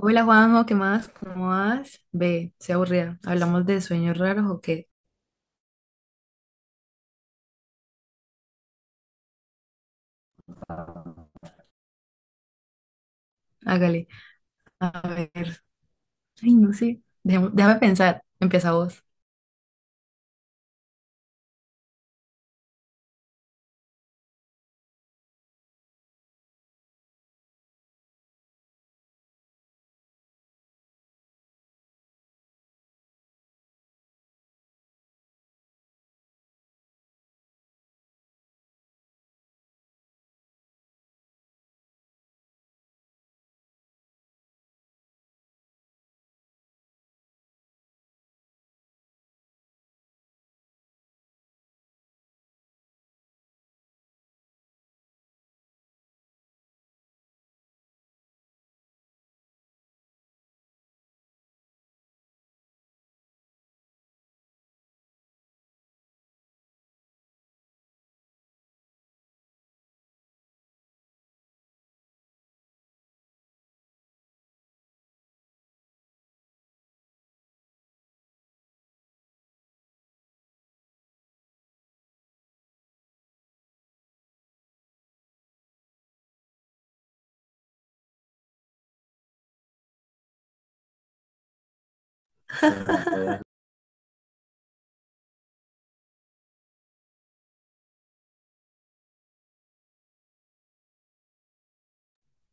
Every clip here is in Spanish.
Hola Juanjo, ¿qué más? ¿Cómo vas? Ve, se aburrida. ¿Hablamos de sueños raros o qué? Hágale. A ver. Ay, no sé. Déjame pensar. Empieza vos.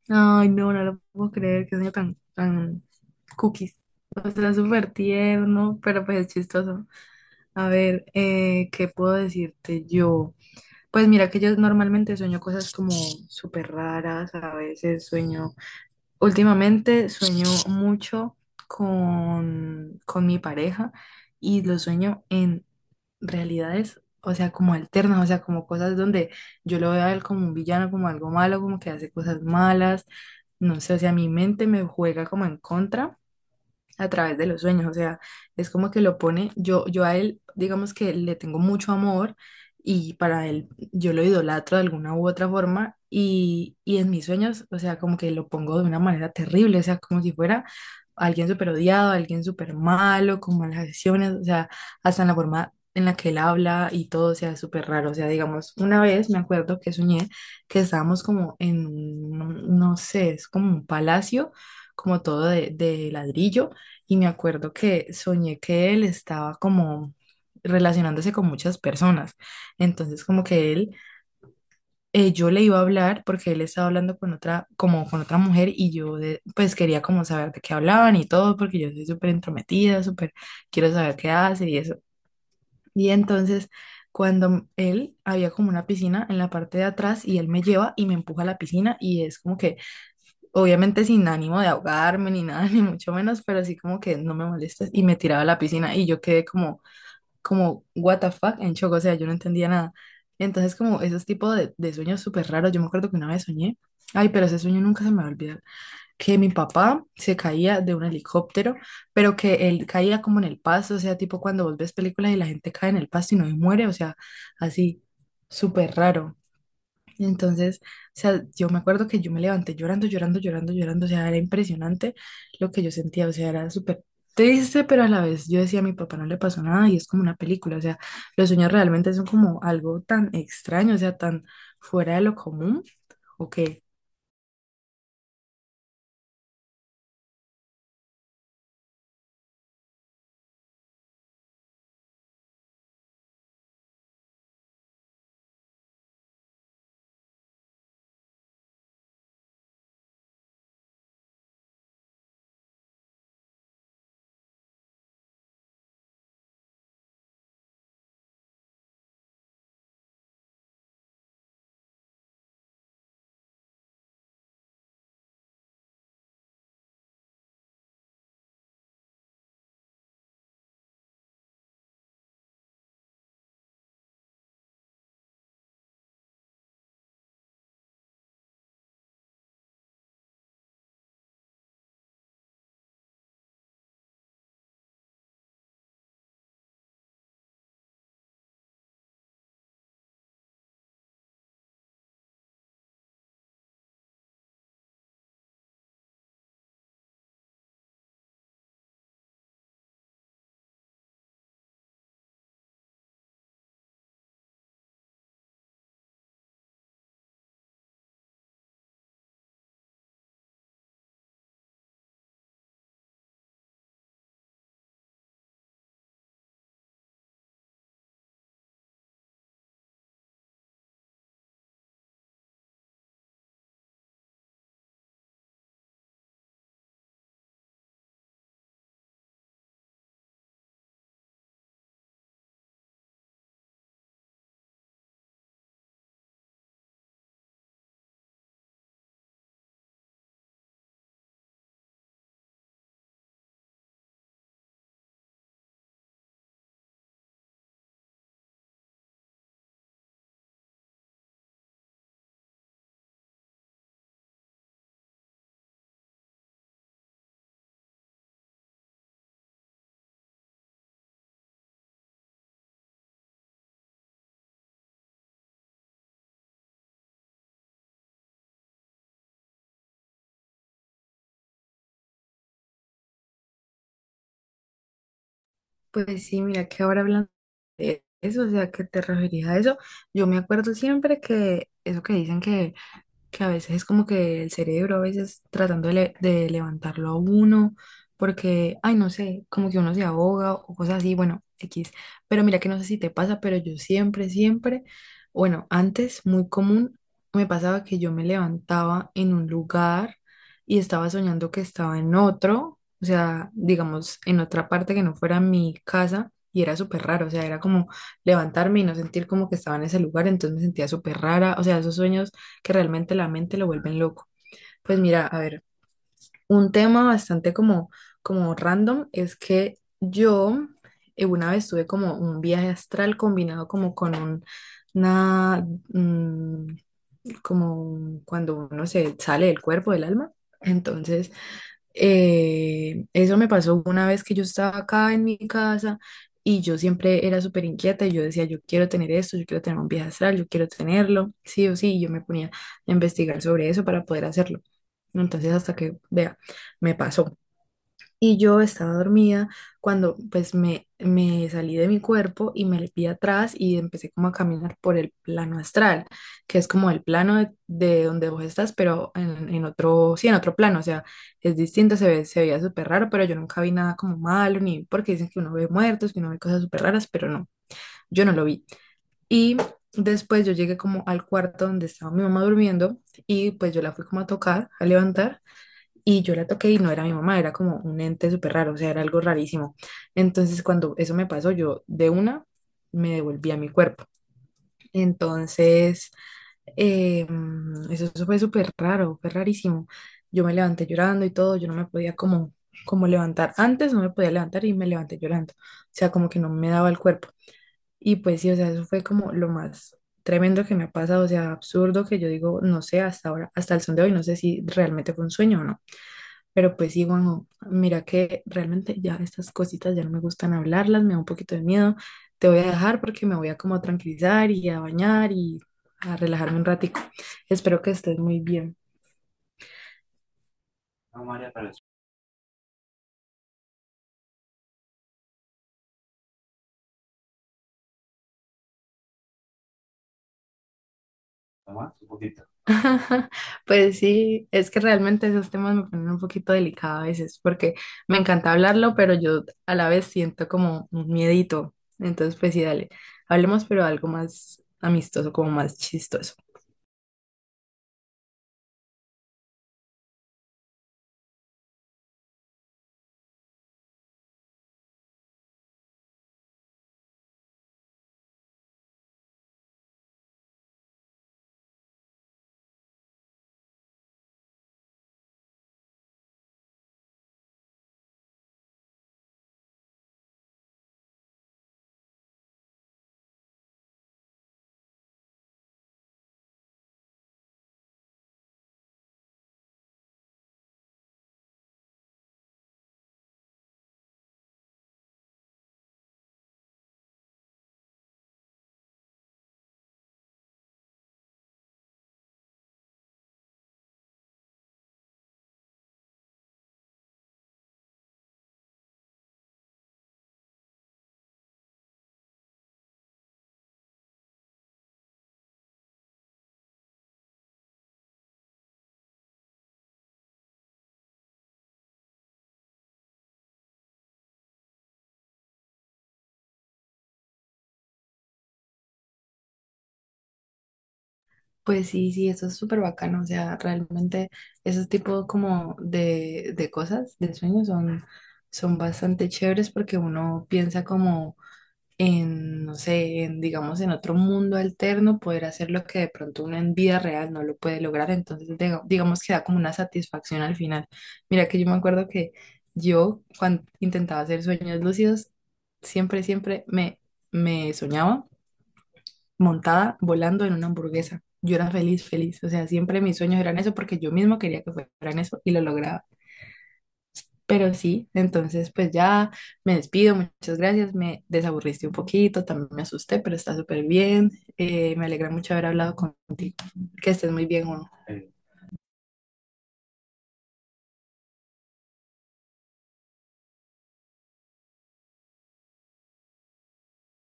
Ay, no, no lo puedo creer. Qué sueño tan, tan cookies. O sea, súper tierno, pero pues es chistoso. A ver, ¿qué puedo decirte yo? Pues mira que yo normalmente sueño cosas como súper raras. A veces sueño. Últimamente sueño mucho con mi pareja y lo sueño en realidades, o sea, como alternas, o sea, como cosas donde yo lo veo a él como un villano, como algo malo, como que hace cosas malas, no sé, o sea, mi mente me juega como en contra a través de los sueños, o sea, es como que lo pone, yo a él, digamos que le tengo mucho amor y para él yo lo idolatro de alguna u otra forma y en mis sueños, o sea, como que lo pongo de una manera terrible, o sea, como si fuera alguien súper odiado, alguien súper malo, con malas acciones, o sea, hasta en la forma en la que él habla y todo, o sea, es súper raro, o sea, digamos, una vez me acuerdo que soñé que estábamos como en, no sé, es como un palacio, como todo de ladrillo y me acuerdo que soñé que él estaba como relacionándose con muchas personas. Entonces, como que él, yo le iba a hablar porque él estaba hablando con otra, como con otra mujer y yo pues quería como saber de qué hablaban y todo porque yo soy súper entrometida, súper quiero saber qué hace y eso. Y entonces, cuando él había como una piscina en la parte de atrás y él me lleva y me empuja a la piscina y es como que obviamente sin ánimo de ahogarme ni nada, ni mucho menos, pero así como que no me molestes y me tiraba a la piscina y yo quedé como, como, what the fuck, en shock, o sea, yo no entendía nada. Entonces como esos tipos de sueños súper raros, yo me acuerdo que una vez soñé, ay, pero ese sueño nunca se me va a olvidar, que mi papá se caía de un helicóptero, pero que él caía como en el pasto, o sea, tipo cuando vos ves películas y la gente cae en el pasto y no se muere, o sea, así, súper raro. Entonces, o sea, yo me acuerdo que yo me levanté llorando, llorando, llorando, llorando, o sea, era impresionante lo que yo sentía, o sea, era súper triste, pero a la vez yo decía, a mi papá no le pasó nada y es como una película, o sea, los sueños realmente son como algo tan extraño, o sea, tan fuera de lo común, o que, pues sí, mira que ahora hablando de eso, o sea, que te referías a eso, yo me acuerdo siempre que eso que dicen que a veces es como que el cerebro, a veces tratando de, de levantarlo a uno, porque, ay, no sé, como que uno se ahoga o cosas así, bueno, X. Pero mira que no sé si te pasa, pero yo siempre, siempre, bueno, antes muy común, me pasaba que yo me levantaba en un lugar y estaba soñando que estaba en otro, o sea, digamos, en otra parte que no fuera mi casa. Y era súper raro, o sea, era como levantarme y no sentir como que estaba en ese lugar, entonces me sentía súper rara, o sea, esos sueños que realmente la mente lo vuelven loco. Pues mira, a ver, un tema bastante como, como random es que yo una vez tuve como un viaje astral combinado como con un, una, como cuando uno se sale del cuerpo, del alma. Entonces, eso me pasó una vez que yo estaba acá en mi casa y yo siempre era súper inquieta y yo decía, yo quiero tener esto, yo quiero tener un viaje astral, yo quiero tenerlo, sí o sí, y yo me ponía a investigar sobre eso para poder hacerlo. Entonces, hasta que, vea, me pasó. Y yo estaba dormida cuando pues me salí de mi cuerpo y me vi atrás y empecé como a caminar por el plano astral, que es como el plano de donde vos estás, pero en otro, sí, en otro plano, o sea, es distinto, se ve, se veía súper raro, pero yo nunca vi nada como malo, ni porque dicen que uno ve muertos, que uno ve cosas súper raras, pero no, yo no lo vi. Y después yo llegué como al cuarto donde estaba mi mamá durmiendo y pues yo la fui como a tocar, a levantar. Y yo la toqué y no era mi mamá, era como un ente súper raro, o sea, era algo rarísimo. Entonces, cuando eso me pasó, yo de una me devolví a mi cuerpo. Entonces, eh, eso fue súper raro, fue rarísimo. Yo me levanté llorando y todo, yo no me podía como, como levantar. Antes no me podía levantar y me levanté llorando, o sea, como que no me daba el cuerpo. Y pues sí, o sea, eso fue como lo más tremendo que me ha pasado, o sea, absurdo que yo digo, no sé, hasta ahora, hasta el son de hoy, no sé si realmente fue un sueño o no. Pero pues sí, Juanjo, mira que realmente ya estas cositas ya no me gustan hablarlas, me da un poquito de miedo. Te voy a dejar porque me voy a como a tranquilizar y a bañar y a relajarme un ratico. Espero que estés muy bien. Pues sí, es que realmente esos temas me ponen un poquito delicada a veces porque me encanta hablarlo, pero yo a la vez siento como un miedito. Entonces, pues sí, dale, hablemos pero algo más amistoso, como más chistoso. Pues sí, sí, eso es súper bacano, o sea, realmente esos tipos como de cosas, de sueños son, son bastante chéveres porque uno piensa como en, no sé, en, digamos, en otro mundo alterno, poder hacer lo que de pronto uno en vida real no lo puede lograr, entonces digamos que da como una satisfacción al final. Mira que yo me acuerdo que yo cuando intentaba hacer sueños lúcidos, siempre, siempre me soñaba montada volando en una hamburguesa. Yo era feliz, feliz. O sea, siempre mis sueños eran eso porque yo mismo quería que fueran eso y lo lograba. Pero sí, entonces pues ya me despido, muchas gracias, me desaburriste un poquito, también me asusté, pero está súper bien. Me alegra mucho haber hablado contigo. Que estés muy bien, Juan.